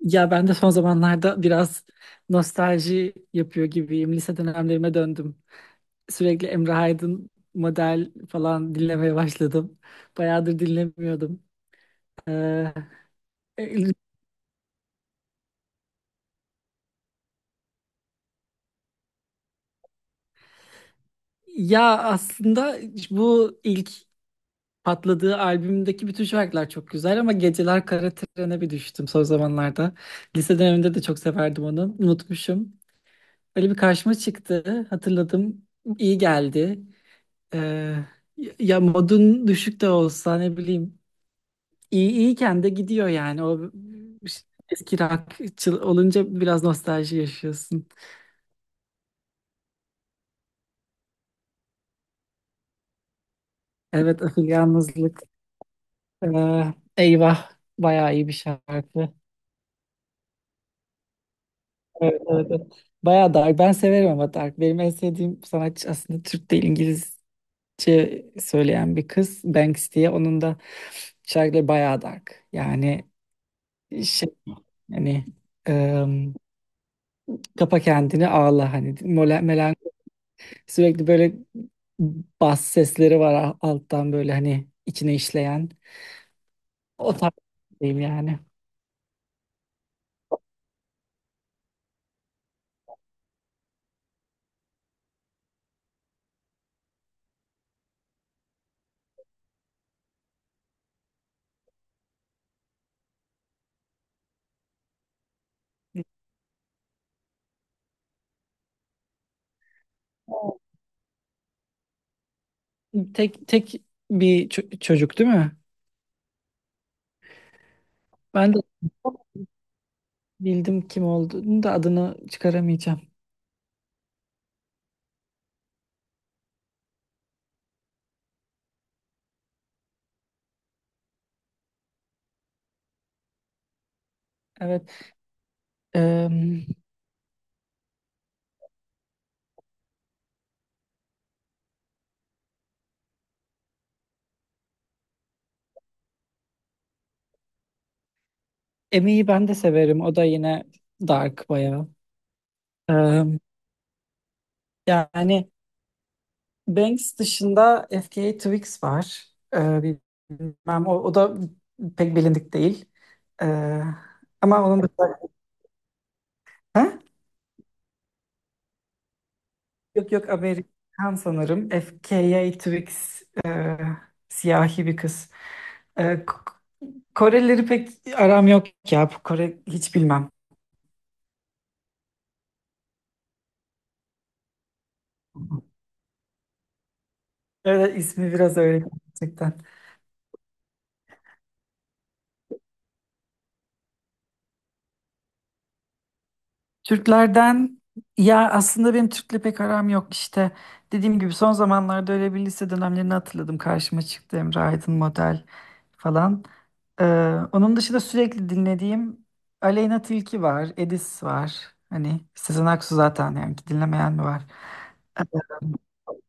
Ya ben de son zamanlarda biraz nostalji yapıyor gibiyim. Lise dönemlerime döndüm. Sürekli Emre Aydın model falan dinlemeye başladım. Bayağıdır dinlemiyordum. Ee, ya aslında bu ilk patladığı albümdeki bütün şarkılar çok güzel ama Geceler Kara Tren'e bir düştüm son zamanlarda. Lise döneminde de çok severdim onu. Unutmuşum. Öyle bir karşıma çıktı. Hatırladım. İyi geldi. Ee, ya modun düşük de olsa ne bileyim iyi iyiyken de gidiyor yani o ş- eski rockçı olunca biraz nostalji yaşıyorsun. Evet Ahıl Yalnızlık. Eyvah bayağı iyi bir şarkı. Evet, evet, evet. Bayağı dark. Ben severim ama dark. Benim en sevdiğim sanatçı aslında Türk değil İngilizce söyleyen bir kız. Banks diye. Onun da şarkıları bayağı dark. Yani şey hani Kapa kendini ağla hani melen sürekli böyle bas sesleri var alttan böyle hani içine işleyen o tarz diyeyim yani. Tek tek bir çocuk değil mi? Ben de Bildim kim olduğunu da adını çıkaramayacağım. Evet. Em, Emi'yi ben de severim. O da yine dark bayağı. Em, yani Banks dışında FKA Twigs var. E, bilmem o da pek bilindik değil. E, ama onun dışında... Ha? Yok yok Amerikan sanırım. FKA Twigs siyahi bir kız. E, K- Korelileri pek aram yok ya. Kore hiç bilmem. Evet ismi biraz öyle gerçekten. Türklerden ya aslında benim Türk'le pek aram yok işte. Dediğim gibi son zamanlarda öyle bir lise dönemlerini hatırladım. Karşıma çıktı Emre Aydın model falan. Ee, onun dışında sürekli dinlediğim Aleyna Tilki var, Edis var. Hani Sezen Aksu zaten yani ki dinlemeyen mi var?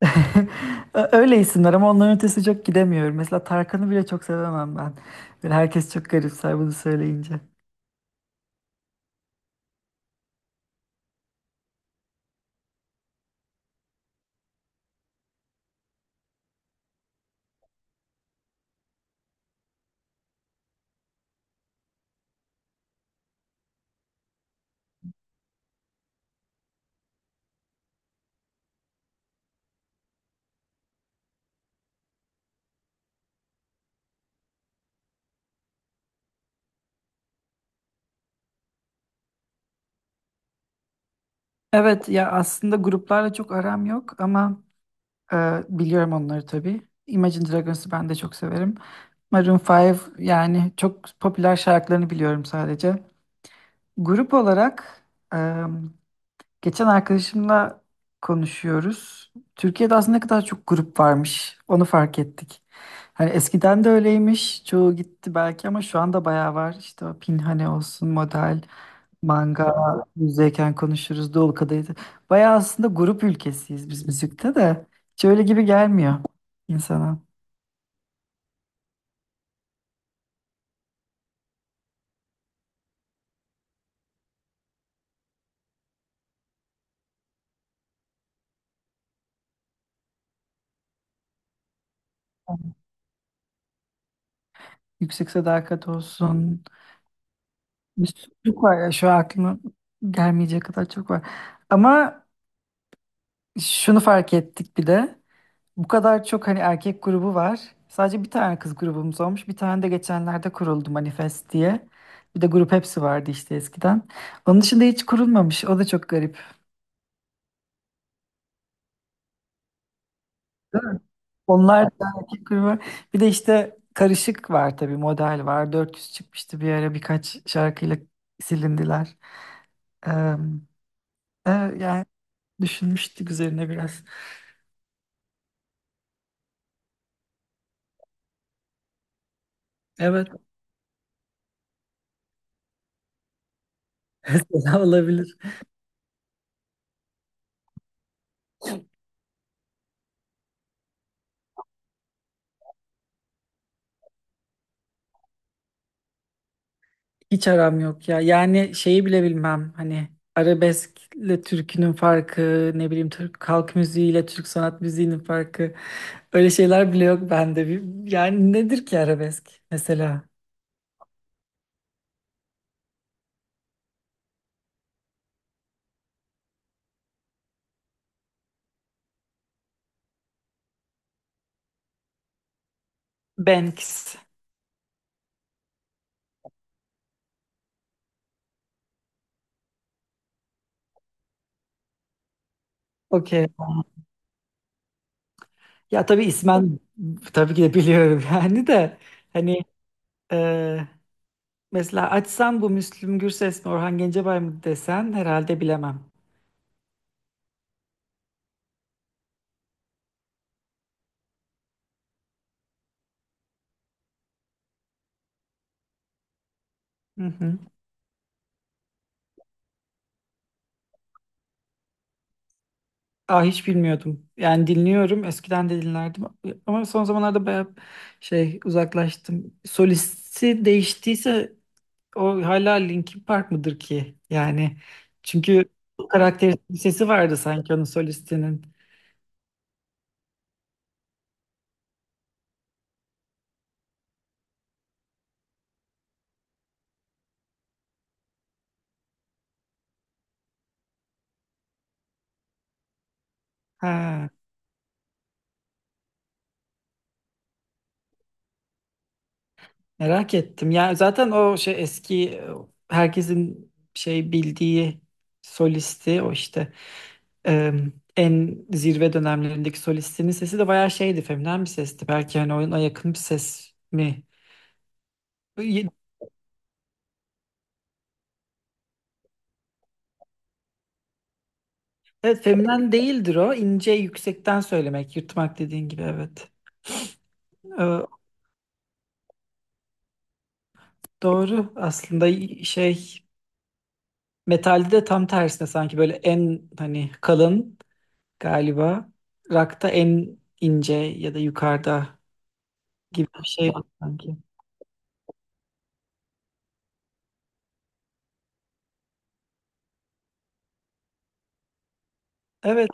Öyle isimler ama onların ötesi çok gidemiyorum. Mesela Tarkan'ı bile çok sevemem ben. Böyle herkes çok garipser bunu söyleyince. Evet ya aslında gruplarla çok aram yok ama biliyorum onları tabii. Imagine Dragons'ı ben de çok severim. Maroon 5 yani çok popüler şarkılarını biliyorum sadece. Grup olarak Geçen arkadaşımla konuşuyoruz. Türkiye'de aslında ne kadar çok grup varmış. Onu fark ettik. Hani eskiden de öyleymiş. Çoğu gitti belki ama şu anda bayağı var. İşte o Pinhane olsun, Model, Manga, Müzeyken Konuşuruz, Dolu Kadehi. Bayağı aslında grup ülkesiyiz biz müzikte de. Hiç öyle gibi gelmiyor insana. Yüksek Sadakat olsun. Bir sürü çok var ya şu an aklıma gelmeyecek kadar çok var. Ama şunu fark ettik bir de. Bu kadar çok hani erkek grubu var. Sadece bir tane kız grubumuz olmuş. Bir tane de geçenlerde kuruldu Manifest diye. Bir de grup hepsi vardı işte eskiden. Onun dışında hiç kurulmamış. O da çok garip. Değil mi? Onlar da erkek grubu. Bir de işte karışık var tabii model var. 400 çıkmıştı bir ara birkaç şarkıyla silindiler. Ee, e, yani düşünmüştük üzerine biraz. Evet. Mesela olabilir. Hiç aram yok ya. Yani şeyi bile bilmem. Hani arabeskle türkünün farkı, ne bileyim Türk halk müziğiyle Türk sanat müziğinin farkı. Öyle şeyler bile yok bende. Yani nedir ki arabesk mesela? Banks. Okey. Ya tabii ismen tabii ki de biliyorum yani de hani e, mesela açsam bu Müslüm Gürses mi Orhan Gencebay mı desen herhalde bilemem. Hı hı. Aa, hiç bilmiyordum. Yani dinliyorum. Eskiden de dinlerdim. Ama son zamanlarda bayağı şey uzaklaştım. Solisti değiştiyse o hala Linkin Park mıdır ki? Yani çünkü karakteristik bir sesi vardı sanki onun solistinin. Ha, merak ettim. Yani zaten o şey eski herkesin şey bildiği solisti o işte e, en zirve dönemlerindeki solistinin sesi de bayağı şeydi, feminen bir sesti. Belki hani oyuna yakın bir ses mi Evet, feminen değildir o. İnce yüksekten söylemek, yırtmak dediğin gibi evet. Ee, doğru. Aslında şey metalde de tam tersine sanki böyle en hani kalın galiba. Rakta en ince ya da yukarıda bir şey var sanki. Evet.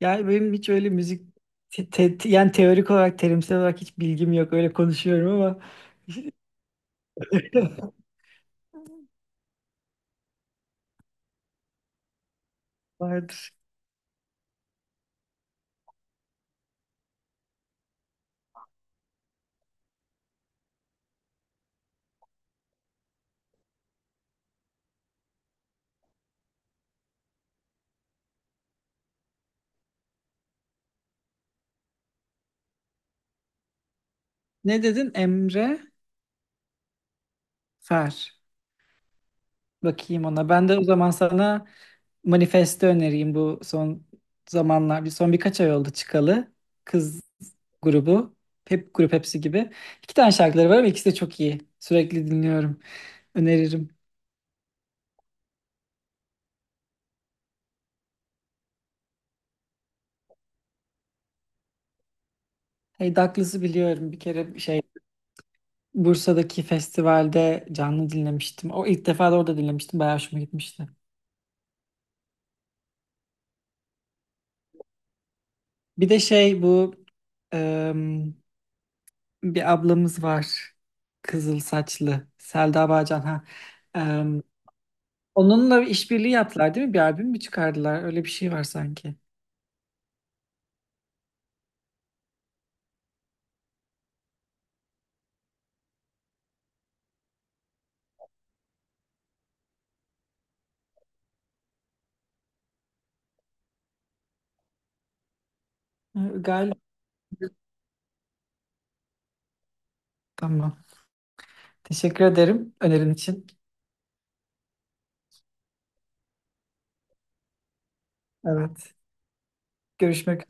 Yani benim hiç öyle müzik yani teorik olarak terimsel olarak hiç bilgim yok. Öyle konuşuyorum ama vardır. Ne dedin? Emre Fer. Bakayım ona. Ben de o zaman sana manifesto önereyim bu son zamanlar. Bir son birkaç ay oldu çıkalı. Kız grubu. Hep grup hepsi gibi. İki tane şarkıları var ama ikisi de çok iyi. Sürekli dinliyorum. Öneririm. Hey Douglas'ı biliyorum. Bir kere şey Bursa'daki festivalde canlı dinlemiştim. O ilk defa da orada dinlemiştim. Bayağı hoşuma gitmişti. Bir de şey bu em, bir ablamız var. Kızıl saçlı. Selda Bağcan ha. Onunla bir işbirliği yaptılar değil mi? Bir albüm mü çıkardılar? Öyle bir şey var sanki. Ha, Galiba. Tamam. Teşekkür ederim önerin için. Evet. Görüşmek